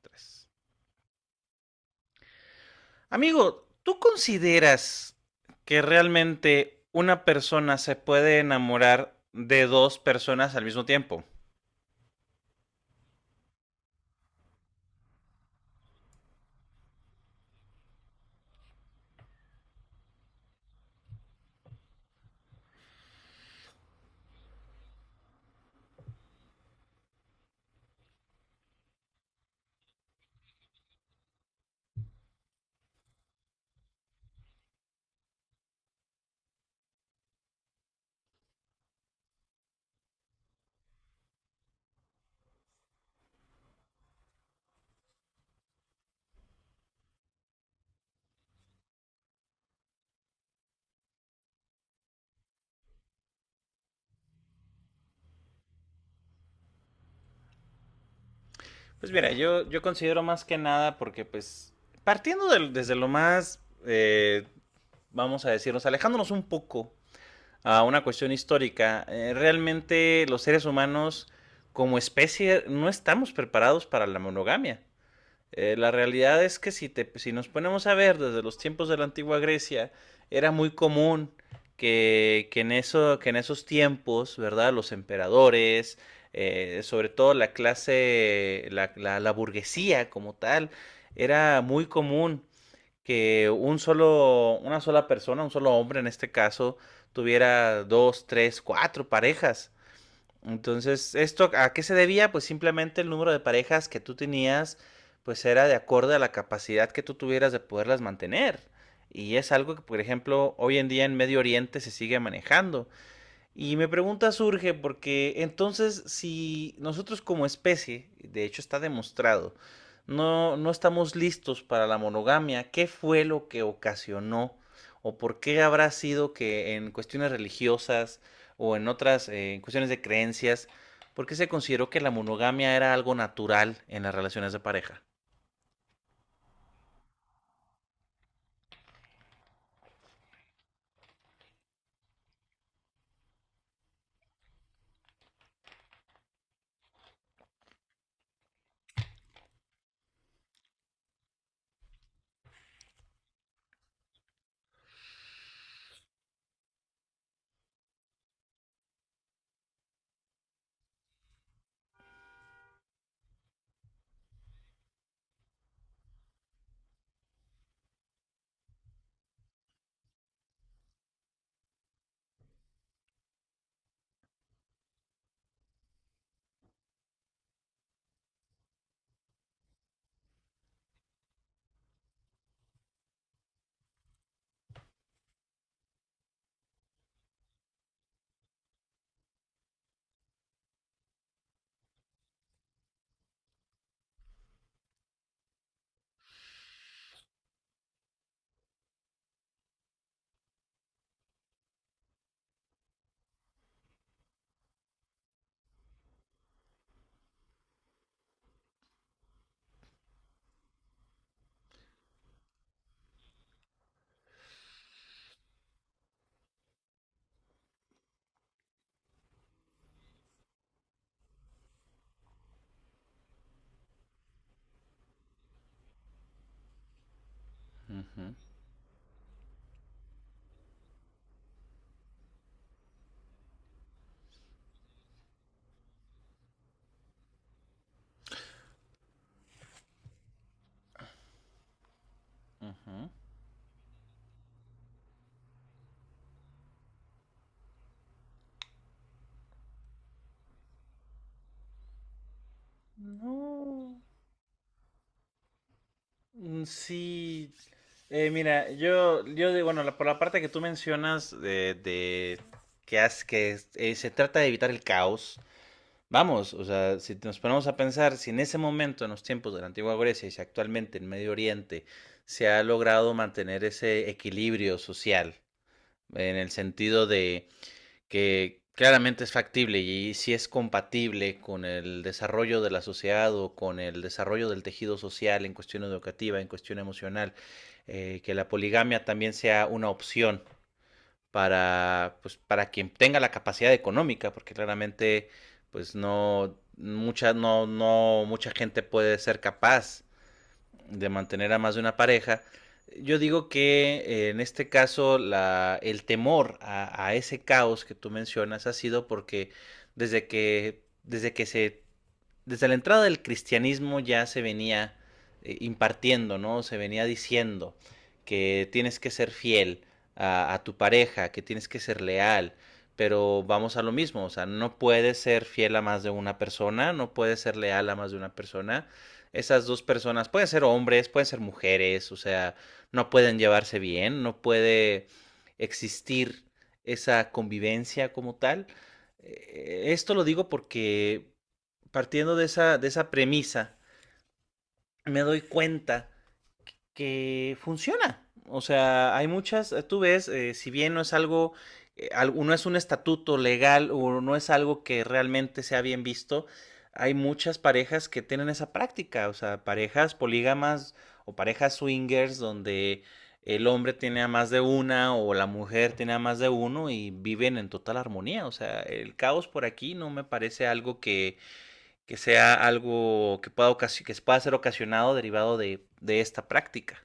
Tres. Amigo, ¿tú consideras que realmente una persona se puede enamorar de dos personas al mismo tiempo? Pues mira, yo considero más que nada porque pues desde lo más, eh, vamos a decirnos, alejándonos un poco a una cuestión histórica, realmente los seres humanos como especie no estamos preparados para la monogamia. La realidad es que si nos ponemos a ver desde los tiempos de la antigua Grecia, era muy común que en esos tiempos, ¿verdad? Los emperadores, sobre todo la clase, la burguesía como tal, era muy común que una sola persona, un solo hombre en este caso, tuviera dos, tres, cuatro parejas. Entonces, ¿esto a qué se debía? Pues simplemente el número de parejas que tú tenías, pues era de acuerdo a la capacidad que tú tuvieras de poderlas mantener. Y es algo que, por ejemplo, hoy en día en Medio Oriente se sigue manejando. Y mi pregunta surge porque entonces si nosotros como especie, de hecho está demostrado, no, no estamos listos para la monogamia, ¿qué fue lo que ocasionó? ¿O por qué habrá sido que en cuestiones religiosas o en otras en cuestiones de creencias, por qué se consideró que la monogamia era algo natural en las relaciones de pareja? Ujú, ujú. No. Mm, sí. Mira, yo de, bueno, la- por la parte que tú mencionas de que se trata de evitar el caos, vamos, o sea, si nos ponemos a pensar, si en ese momento, en los tiempos de la antigua Grecia y si actualmente en Medio Oriente se ha logrado mantener ese equilibrio social, en el sentido que claramente es factible y si es compatible con el desarrollo de la sociedad o con el desarrollo del tejido social en cuestión educativa, en cuestión emocional, que la poligamia también sea una opción para quien tenga la capacidad económica, porque claramente pues no mucha gente puede ser capaz de mantener a más de una pareja. Yo digo que en este caso el temor a ese caos que tú mencionas ha sido porque desde que se desde la entrada del cristianismo ya se venía impartiendo, ¿no? Se venía diciendo que tienes que ser fiel a tu pareja, que tienes que ser leal, pero vamos a lo mismo, o sea, no puedes ser fiel a más de una persona, no puedes ser leal a más de una persona. Esas dos personas pueden ser hombres, pueden ser mujeres, o sea, no pueden llevarse bien, no puede existir esa convivencia como tal. Esto lo digo porque partiendo de esa premisa, me doy cuenta que funciona. O sea, hay muchas, tú ves, si bien no es algo, eh, no es un estatuto legal o no es algo que realmente sea bien visto. Hay muchas parejas que tienen esa práctica, o sea, parejas polígamas o parejas swingers donde el hombre tiene a más de una o la mujer tiene a más de uno y viven en total armonía. O sea, el caos por aquí no me parece algo que sea algo que pueda ser ocasionado derivado de esta práctica.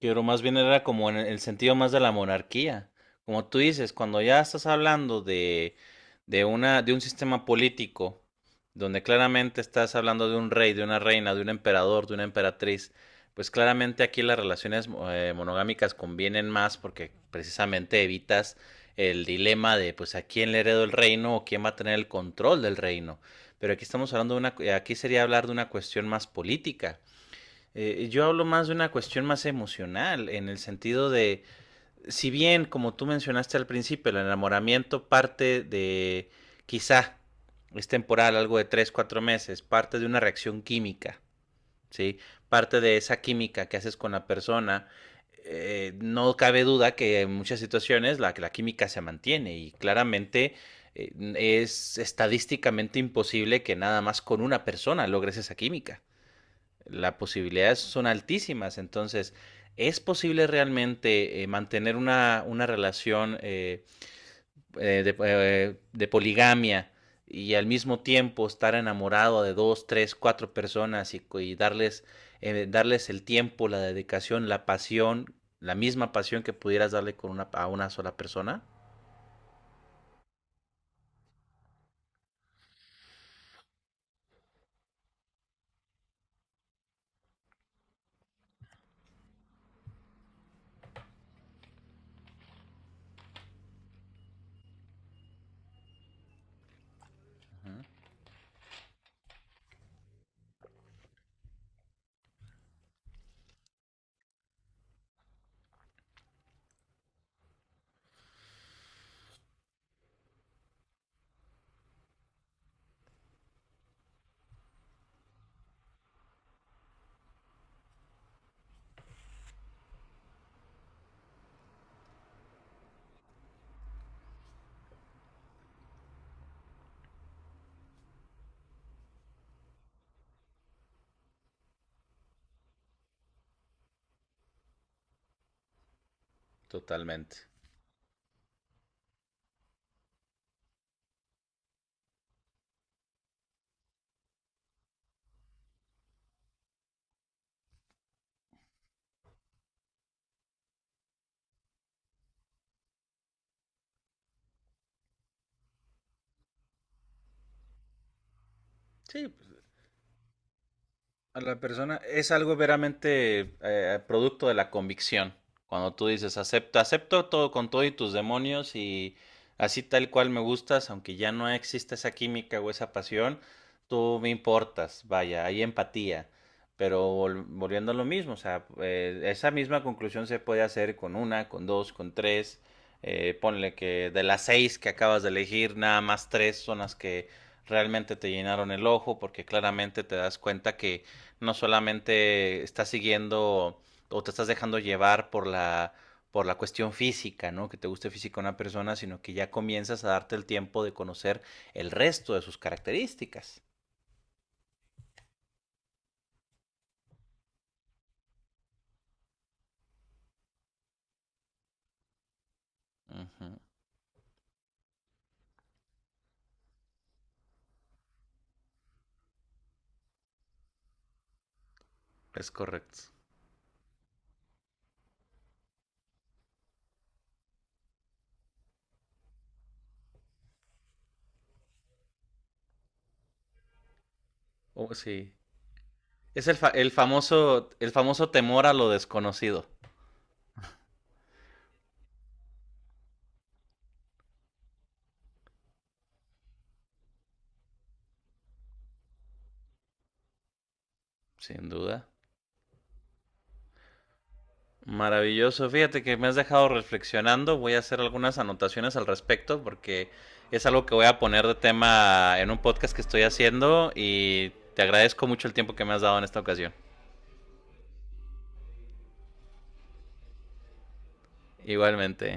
Pero más bien era como en el sentido más de la monarquía. Como tú dices, cuando ya estás hablando de un sistema político donde claramente estás hablando de un rey, de una reina, de un emperador, de una emperatriz, pues claramente aquí las relaciones monogámicas convienen más porque precisamente evitas el dilema de pues a quién le heredo el reino o quién va a tener el control del reino. Pero aquí estamos hablando aquí sería hablar de una cuestión más política. Yo hablo más de una cuestión más emocional, en el sentido de, si bien, como tú mencionaste al principio, el enamoramiento parte de, quizá, es temporal, algo de 3, 4 meses, parte de una reacción química, ¿sí? Parte de esa química que haces con la persona. No cabe duda que en muchas situaciones la química se mantiene y claramente eh, es estadísticamente imposible que nada más con una persona logres esa química. Las posibilidades son altísimas. Entonces, ¿es posible realmente mantener una relación de poligamia y al mismo tiempo estar enamorado de dos, tres, cuatro personas darles el tiempo, la dedicación, la pasión, la misma pasión que pudieras darle a una sola persona? Totalmente. Sí, pues a la persona es algo veramente producto de la convicción. Cuando tú dices, acepto, acepto todo con todo y tus demonios y así tal cual me gustas, aunque ya no exista esa química o esa pasión, tú me importas, vaya, hay empatía. Pero volviendo a lo mismo, o sea, esa misma conclusión se puede hacer con una, con dos, con tres. Ponle que de las seis que acabas de elegir, nada más tres son las que realmente te llenaron el ojo, porque claramente te das cuenta que no solamente estás siguiendo o te estás dejando llevar por la cuestión física, ¿no? Que te guste física una persona, sino que ya comienzas a darte el tiempo de conocer el resto de sus características. Ujú. Es correcto. Oh, sí. Es el famoso temor a lo desconocido, sin duda. Maravilloso, fíjate que me has dejado reflexionando, voy a hacer algunas anotaciones al respecto porque es algo que voy a poner de tema en un podcast que estoy haciendo, y te agradezco mucho el tiempo que me has dado en esta ocasión. Igualmente.